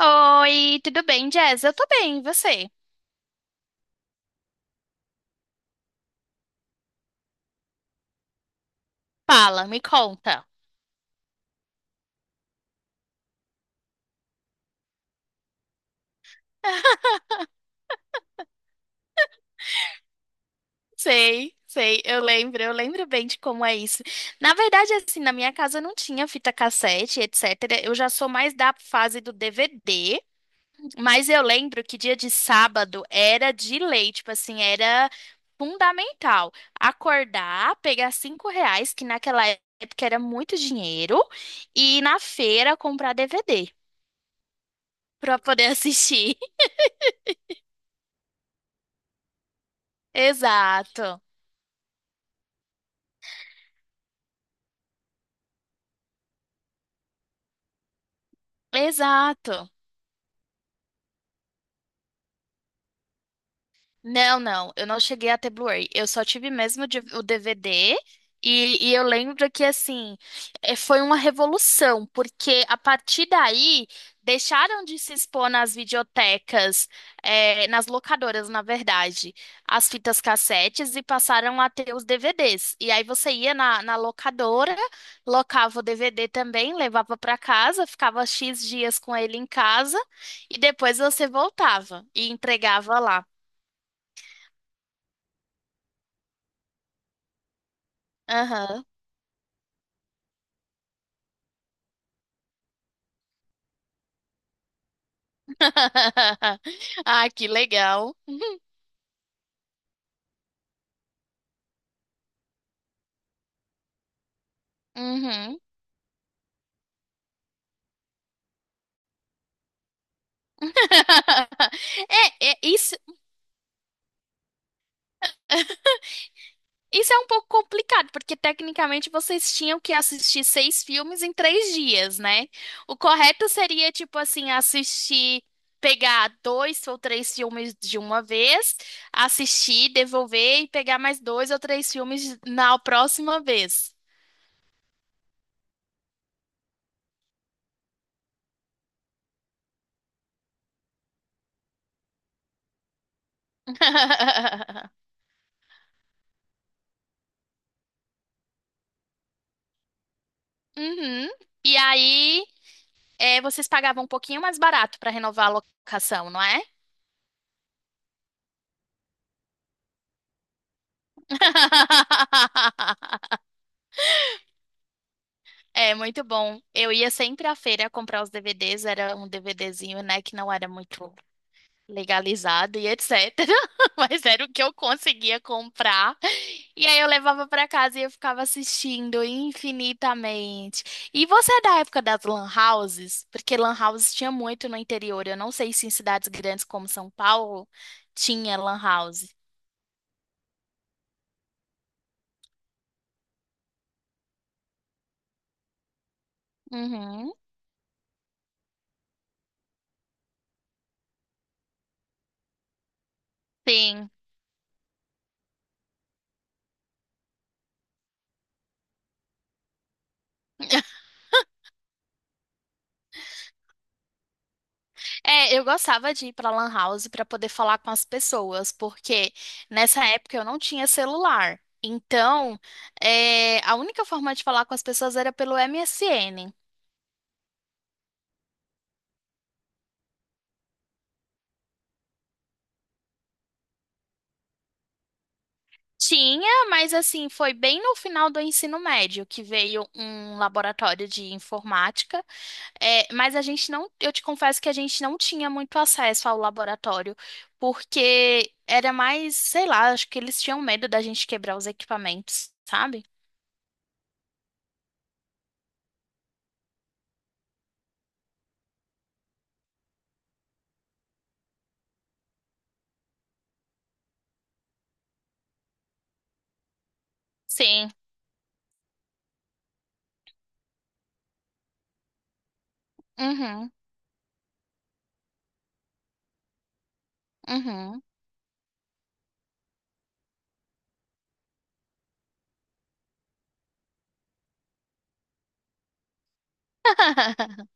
Oi, tudo bem, Jess? Eu tô bem, e você? Fala, me conta. Sei, sei, eu lembro bem de como é isso. Na verdade, assim, na minha casa não tinha fita cassete, etc. Eu já sou mais da fase do DVD, mas eu lembro que dia de sábado era de lei, tipo assim, era fundamental acordar, pegar R$ 5, que naquela época era muito dinheiro, e ir na feira comprar DVD pra poder assistir. Exato, exato. Não, não, eu não cheguei a ter Blu-ray. Eu só tive mesmo o DVD. E eu lembro que, assim, foi uma revolução, porque a partir daí deixaram de se expor nas videotecas, nas locadoras, na verdade, as fitas cassetes e passaram a ter os DVDs. E aí você ia na locadora, locava o DVD também, levava para casa, ficava X dias com ele em casa e depois você voltava e entregava lá. Aham. Ah, que legal. Uhum. É isso é um pouco complicado, porque tecnicamente vocês tinham que assistir seis filmes em 3 dias, né? O correto seria, tipo assim, assistir, pegar dois ou três filmes de uma vez, assistir, devolver e pegar mais dois ou três filmes na próxima vez. Uhum. E aí. É, vocês pagavam um pouquinho mais barato para renovar a locação, não é? É muito bom. Eu ia sempre à feira comprar os DVDs, era um DVDzinho, né, que não era muito legalizado e etc. Mas era o que eu conseguia comprar. E aí eu levava para casa e eu ficava assistindo infinitamente. E você é da época das lan houses? Porque lan houses tinha muito no interior. Eu não sei se em cidades grandes como São Paulo tinha lan house. Uhum. Sim. É, eu gostava de ir pra Lan House pra poder falar com as pessoas, porque nessa época eu não tinha celular. Então, a única forma de falar com as pessoas era pelo MSN. Tinha, mas assim, foi bem no final do ensino médio que veio um laboratório de informática. É, mas a gente não, eu te confesso que a gente não tinha muito acesso ao laboratório, porque era mais, sei lá, acho que eles tinham medo da gente quebrar os equipamentos, sabe? Sim. Uhum. Uhum.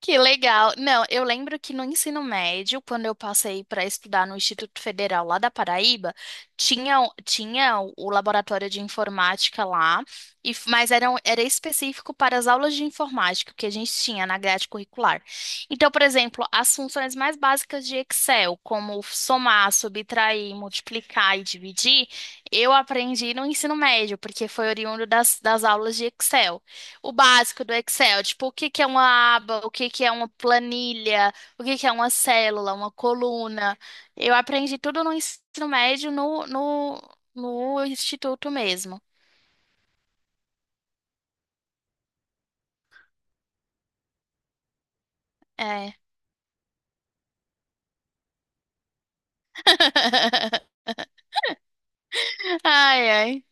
Que legal. Não, eu lembro que no ensino médio, quando eu passei para estudar no Instituto Federal lá da Paraíba, tinha, tinha o laboratório de informática lá, e, mas era, era específico para as aulas de informática que a gente tinha na grade curricular. Então, por exemplo, as funções mais básicas de Excel, como somar, subtrair, multiplicar e dividir, eu aprendi no ensino médio, porque foi oriundo das aulas de Excel. O básico do Excel, tipo, o que que é uma aba, o que que é uma planilha, o que que é uma célula, uma coluna. Eu aprendi tudo no ensino médio, no instituto mesmo. É. Ai, ai.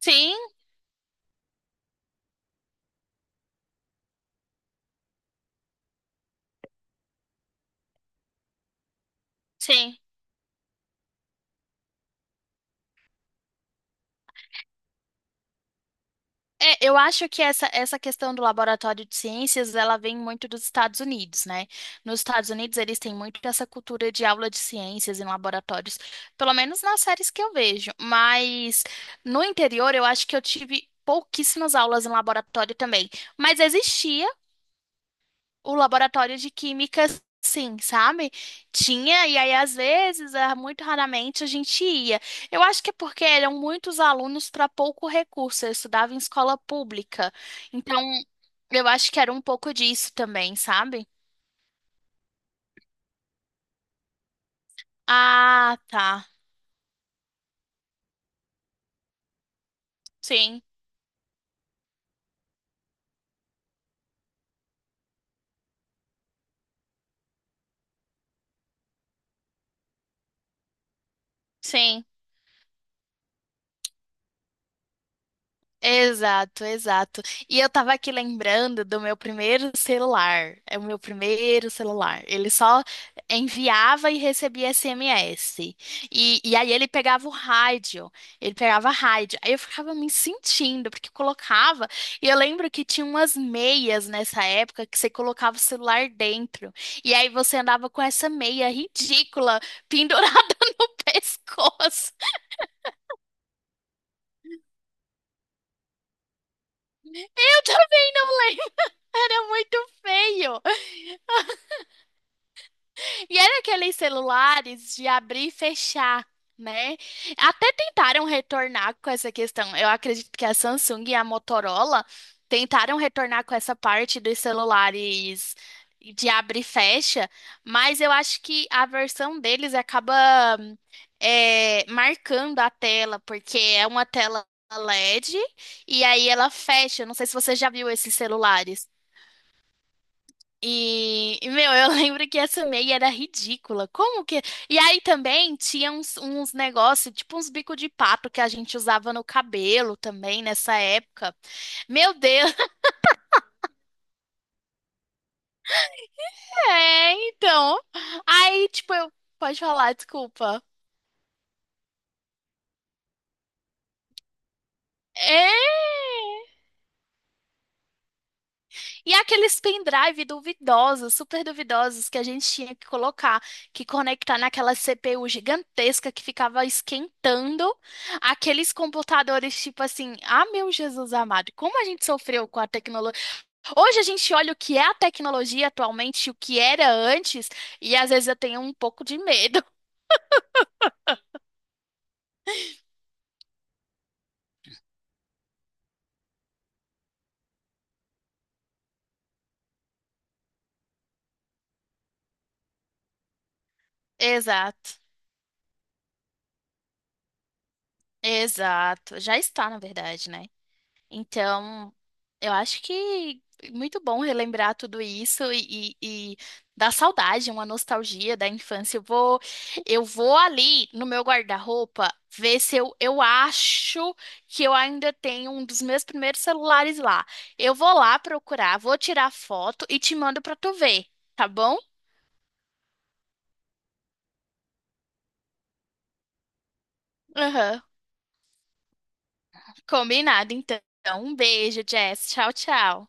Sim, sim. É, eu acho que essa questão do laboratório de ciências, ela vem muito dos Estados Unidos, né? Nos Estados Unidos, eles têm muito essa cultura de aula de ciências em laboratórios, pelo menos nas séries que eu vejo. Mas no interior, eu acho que eu tive pouquíssimas aulas em laboratório também. Mas existia o laboratório de química, sim, sabe? Tinha, e aí às vezes, ah, muito raramente a gente ia. Eu acho que é porque eram muitos alunos para pouco recurso. Eu estudava em escola pública, então eu acho que era um pouco disso também, sabe? Ah, tá. Sim, sim. Exato, exato. E eu tava aqui lembrando do meu primeiro celular. É o meu primeiro celular. Ele só enviava e recebia SMS. E aí ele pegava o rádio. Ele pegava rádio. Aí eu ficava me sentindo, porque eu colocava. E eu lembro que tinha umas meias nessa época que você colocava o celular dentro. E aí você andava com essa meia ridícula pendurada no pescoço. Eu também não lembro. Era muito feio. E era aqueles celulares de abrir e fechar, né? Até tentaram retornar com essa questão. Eu acredito que a Samsung e a Motorola tentaram retornar com essa parte dos celulares de abre e fecha, mas eu acho que a versão deles acaba marcando a tela, porque é uma tela LED e D e aí ela fecha. Eu não sei se você já viu esses celulares. Meu, eu lembro que essa meia era ridícula. Como que. E aí também tinha uns negócios, tipo uns bico de pato que a gente usava no cabelo também nessa época. Meu Deus, é, então. Aí, tipo, eu. Pode falar, desculpa. É! E aqueles pendrive duvidosos, super duvidosos, que a gente tinha que colocar, que conectar naquela CPU gigantesca que ficava esquentando. Aqueles computadores, tipo assim, ah, meu Jesus amado, como a gente sofreu com a tecnologia. Hoje a gente olha o que é a tecnologia atualmente, e o que era antes, e às vezes eu tenho um pouco de medo. Exato, exato. Já está, na verdade, né? Então, eu acho que é muito bom relembrar tudo isso e dar saudade, uma nostalgia da infância. Eu vou ali no meu guarda-roupa ver se eu acho que eu ainda tenho um dos meus primeiros celulares lá. Eu vou lá procurar, vou tirar foto e te mando pra tu ver, tá bom? Aham, combinado, então. Um beijo, Jess. Tchau, tchau.